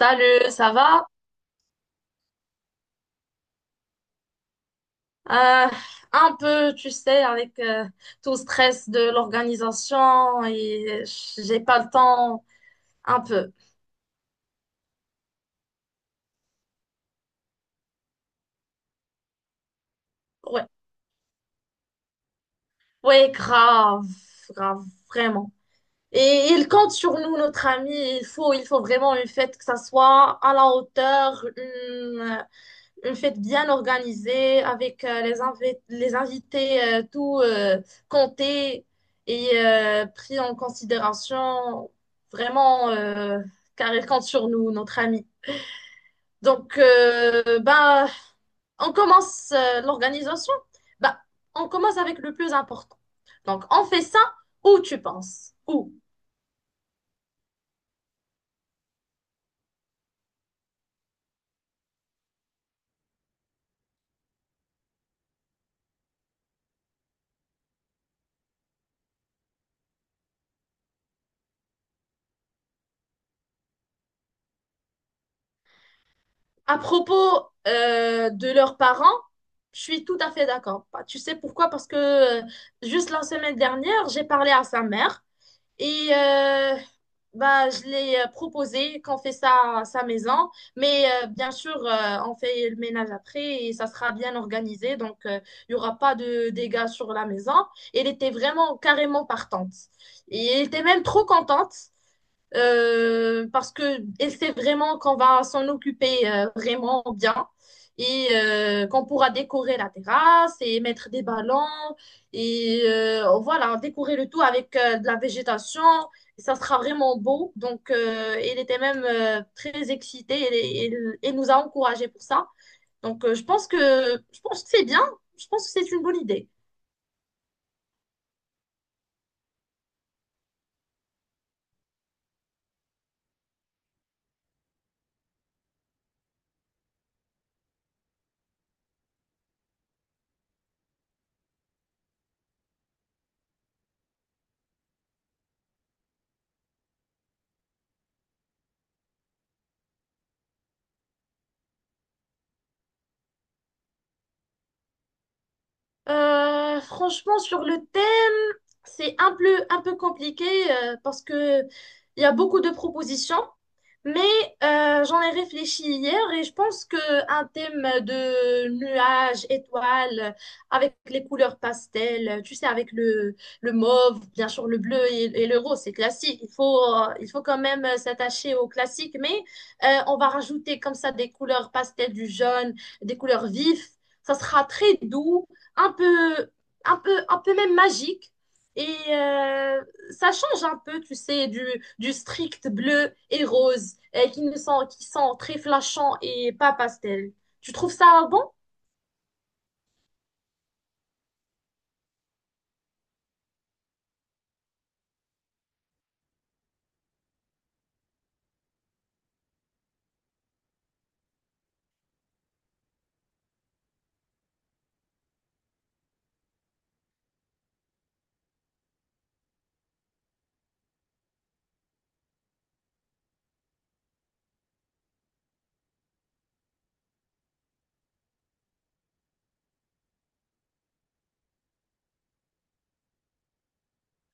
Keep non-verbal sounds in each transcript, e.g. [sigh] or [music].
Salut, ça va? Euh, un peu, tu sais, avec tout le stress de l'organisation et j'ai pas le temps, un peu. Ouais, ouais, grave, grave, vraiment. Et il compte sur nous, notre ami. Il faut vraiment une fête que ça soit à la hauteur, une fête bien organisée avec les invités tout compté et pris en considération. Vraiment, car il compte sur nous, notre ami. Donc, on commence l'organisation. Ben, on commence avec le plus important. Donc, on fait ça où tu penses? Où? À propos de leurs parents, je suis tout à fait d'accord. Bah, tu sais pourquoi? Parce que juste la semaine dernière, j'ai parlé à sa mère et bah, je l'ai proposé qu'on fait ça à sa maison. Mais bien sûr, on fait le ménage après et ça sera bien organisé. Donc, il y n'y aura pas de dégâts sur la maison. Elle était vraiment carrément partante. Et elle était même trop contente parce qu'elle sait vraiment qu'on va s'en occuper vraiment bien et qu'on pourra décorer la terrasse et mettre des ballons et voilà, décorer le tout avec de la végétation. Et ça sera vraiment beau. Donc, elle était même très excitée et nous a encouragés pour ça. Donc, je pense que c'est bien. Je pense que c'est une bonne idée. Franchement, sur le thème, c'est un peu compliqué parce que il y a beaucoup de propositions, mais j'en ai réfléchi hier et je pense que un thème de nuages, étoiles, avec les couleurs pastel, tu sais, avec le mauve, bien sûr le bleu et le rose, c'est classique. Il faut quand même s'attacher au classique, mais on va rajouter comme ça des couleurs pastel, du jaune, des couleurs vives. Ça sera très doux un peu, un peu même magique. Et ça change un peu, tu sais, du strict bleu et rose qui sont très flashants et pas pastel. Tu trouves ça bon?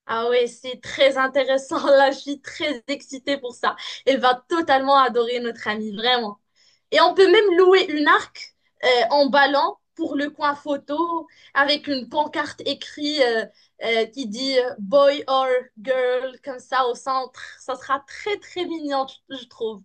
Ah ouais, c'est très intéressant. [laughs] Là, je suis très excitée pour ça. Elle va totalement adorer notre amie, vraiment. Et on peut même louer une arc en ballon pour le coin photo avec une pancarte écrite qui dit boy or girl comme ça au centre. Ça sera très très mignon, je trouve.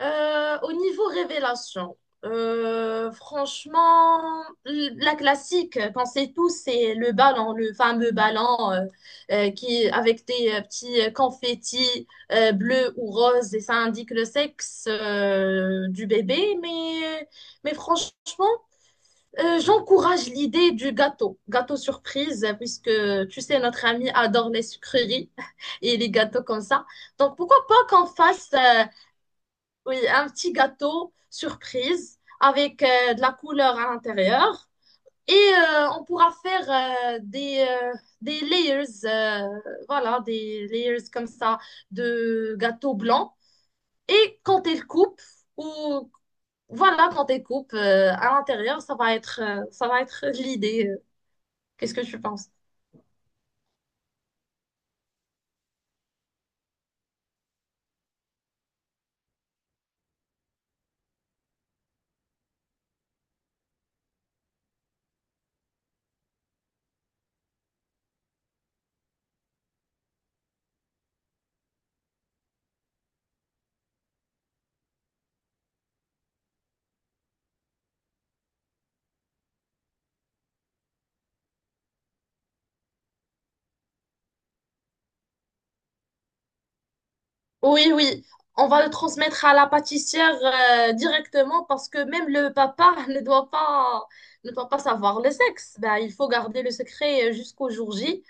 Au niveau révélation, franchement, la classique qu'on sait tous, c'est le ballon, le fameux ballon euh, qui avec des petits confettis bleus ou roses et ça indique le sexe du bébé. Mais franchement, j'encourage l'idée du gâteau, gâteau surprise, puisque tu sais, notre ami adore les sucreries [laughs] et les gâteaux comme ça. Donc pourquoi pas qu'on fasse oui, un petit gâteau surprise avec de la couleur à l'intérieur. Et on pourra faire euh, des, euh, des layers, voilà, des layers comme ça de gâteau blanc. Et quand elle coupe, ou voilà, quand elle coupe à l'intérieur, ça va être l'idée. Qu'est-ce que tu penses? Oui, oui, on va le transmettre à la pâtissière directement parce que même le papa [laughs] ne doit pas savoir le sexe. Ben, il faut garder le secret jusqu'au jour J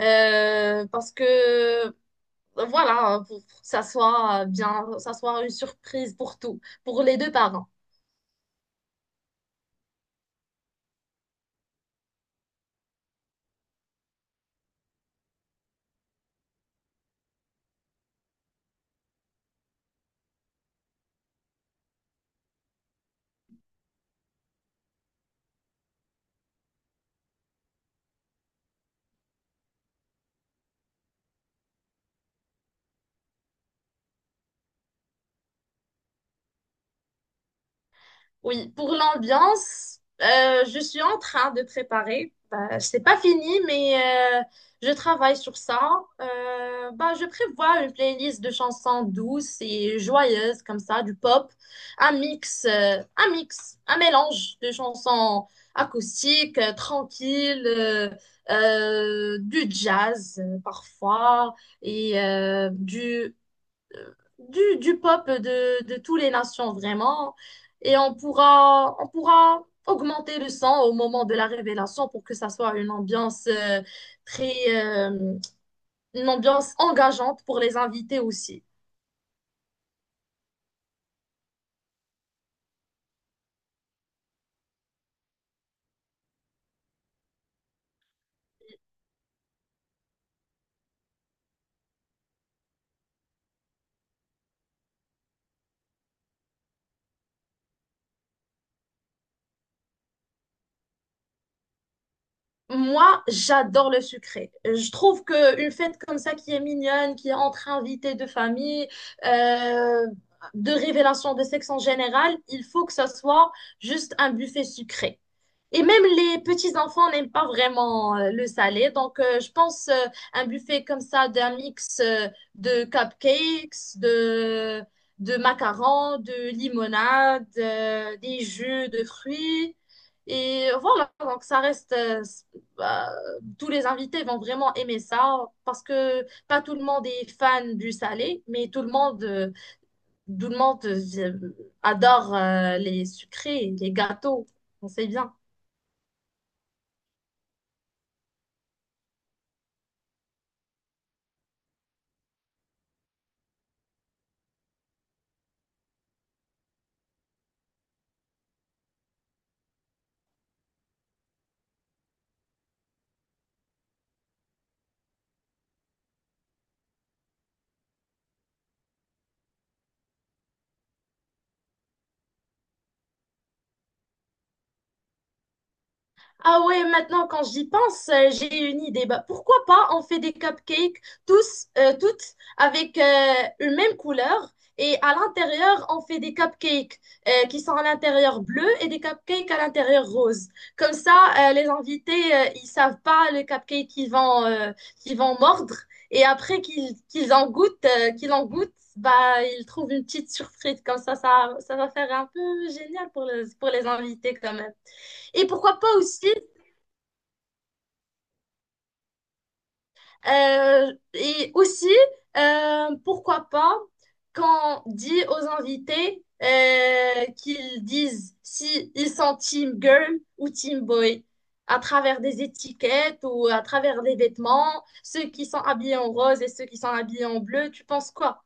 parce que voilà, pour que ça soit bien, ça soit une surprise pour tout, pour les deux parents. Oui, pour l'ambiance, je suis en train de préparer. Bah, c'est pas fini, mais je travaille sur ça. Bah, je prévois une playlist de chansons douces et joyeuses comme ça, du pop, un mélange de chansons acoustiques, tranquilles, du jazz parfois et du peuple de toutes les nations, vraiment. Et on pourra augmenter le son au moment de la révélation pour que ça soit très, euh, une ambiance engageante pour les invités aussi. Moi, j'adore le sucré. Je trouve que une fête comme ça qui est mignonne, qui est entre invités de famille, euh, de révélation de sexe en général, il faut que ça soit juste un buffet sucré. Et même les petits enfants n'aiment pas vraiment le salé. Donc, je pense un buffet comme ça d'un mix de cupcakes, de macarons, de limonade, des jus de fruits. Et voilà, donc ça reste, bah, tous les invités vont vraiment aimer ça parce que pas tout le monde est fan du salé, mais tout le monde adore les sucrés, les gâteaux. On sait bien. Ah ouais, maintenant quand j'y pense, j'ai une idée. Bah, pourquoi pas on fait des cupcakes toutes avec une même couleur et à l'intérieur on fait des cupcakes qui sont à l'intérieur bleu et des cupcakes à l'intérieur rose. Comme ça, les invités ils savent pas le cupcake qu'ils vont mordre et après qu'ils en goûtent, bah ils trouvent une petite surprise. Comme ça, ça va faire un peu génial pour les invités quand même. Et pourquoi pas aussi Euh, et aussi, pourquoi pas, quand on dit aux invités qu'ils disent si ils sont team girl ou team boy, à travers des étiquettes ou à travers des vêtements, ceux qui sont habillés en rose et ceux qui sont habillés en bleu, tu penses quoi?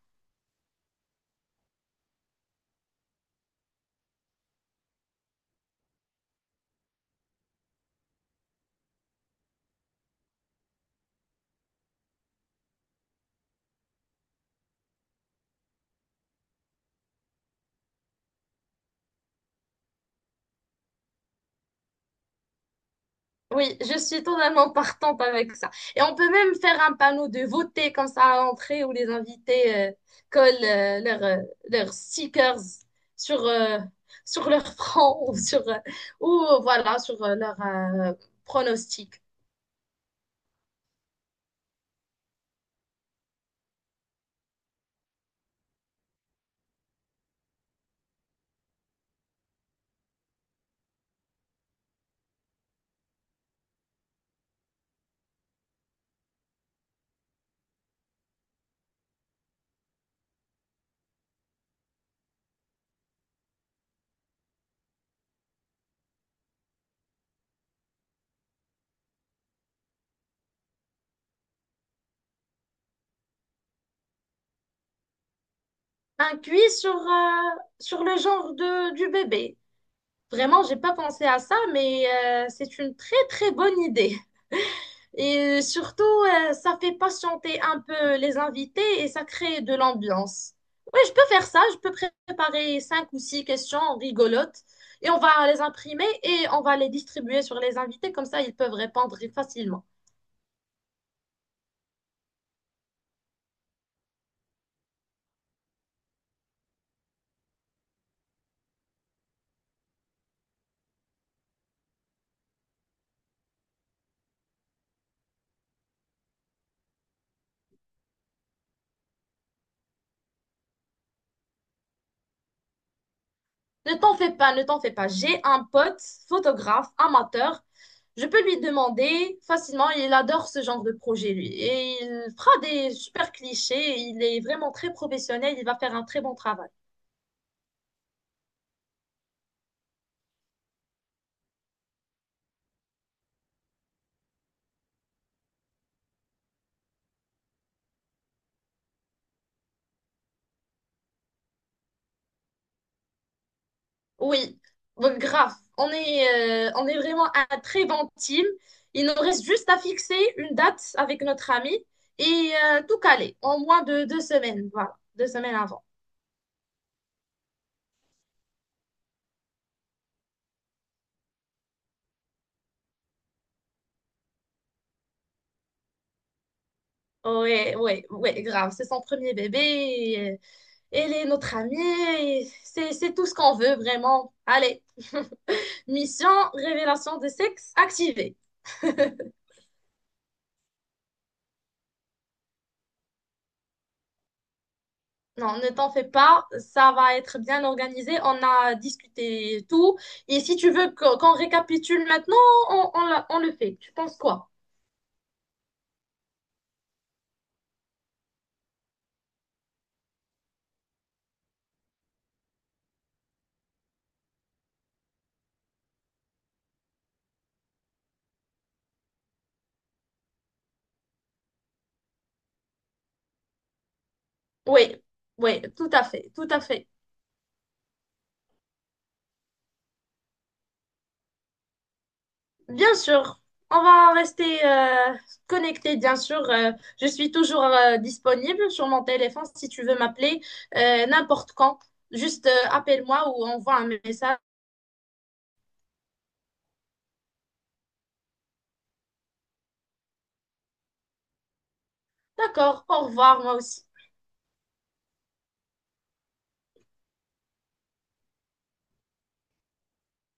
Oui, je suis totalement partante avec ça. Et on peut même faire un panneau de voter comme ça à l'entrée où les invités collent leurs stickers sur, euh, sur leur front [laughs] ou sur, ou voilà, sur leur pronostic. Un quiz sur le genre du bébé. Vraiment, j'ai pas pensé à ça, mais c'est une très très bonne idée. Et surtout, ça fait patienter un peu les invités et ça crée de l'ambiance. Oui, je peux faire ça. Je peux préparer cinq ou six questions rigolotes et on va les imprimer et on va les distribuer sur les invités. Comme ça, ils peuvent répondre facilement. Ne t'en fais pas, ne t'en fais pas. J'ai un pote, photographe, amateur. Je peux lui demander facilement. Il adore ce genre de projet, lui. Et il fera des super clichés. Il est vraiment très professionnel. Il va faire un très bon travail. Oui, bon, grave. On est vraiment un très bon team. Il nous reste juste à fixer une date avec notre ami et tout caler en moins de 2 semaines. Voilà, 2 semaines avant. Ouais, ouais, ouais, grave. C'est son premier bébé, et elle est notre amie. Et c'est tout ce qu'on veut, vraiment. Allez, [laughs] mission, révélation de sexe activée. Non, ne t'en fais pas, ça va être bien organisé. On a discuté tout. Et si tu veux qu'on récapitule maintenant, on le fait. Tu penses quoi? Oui, oui, tout à fait, tout à fait. Bien sûr, on va rester connectés, bien sûr. Je suis toujours disponible sur mon téléphone si tu veux m'appeler n'importe quand. Juste appelle-moi ou envoie un message. D'accord, au revoir, moi aussi.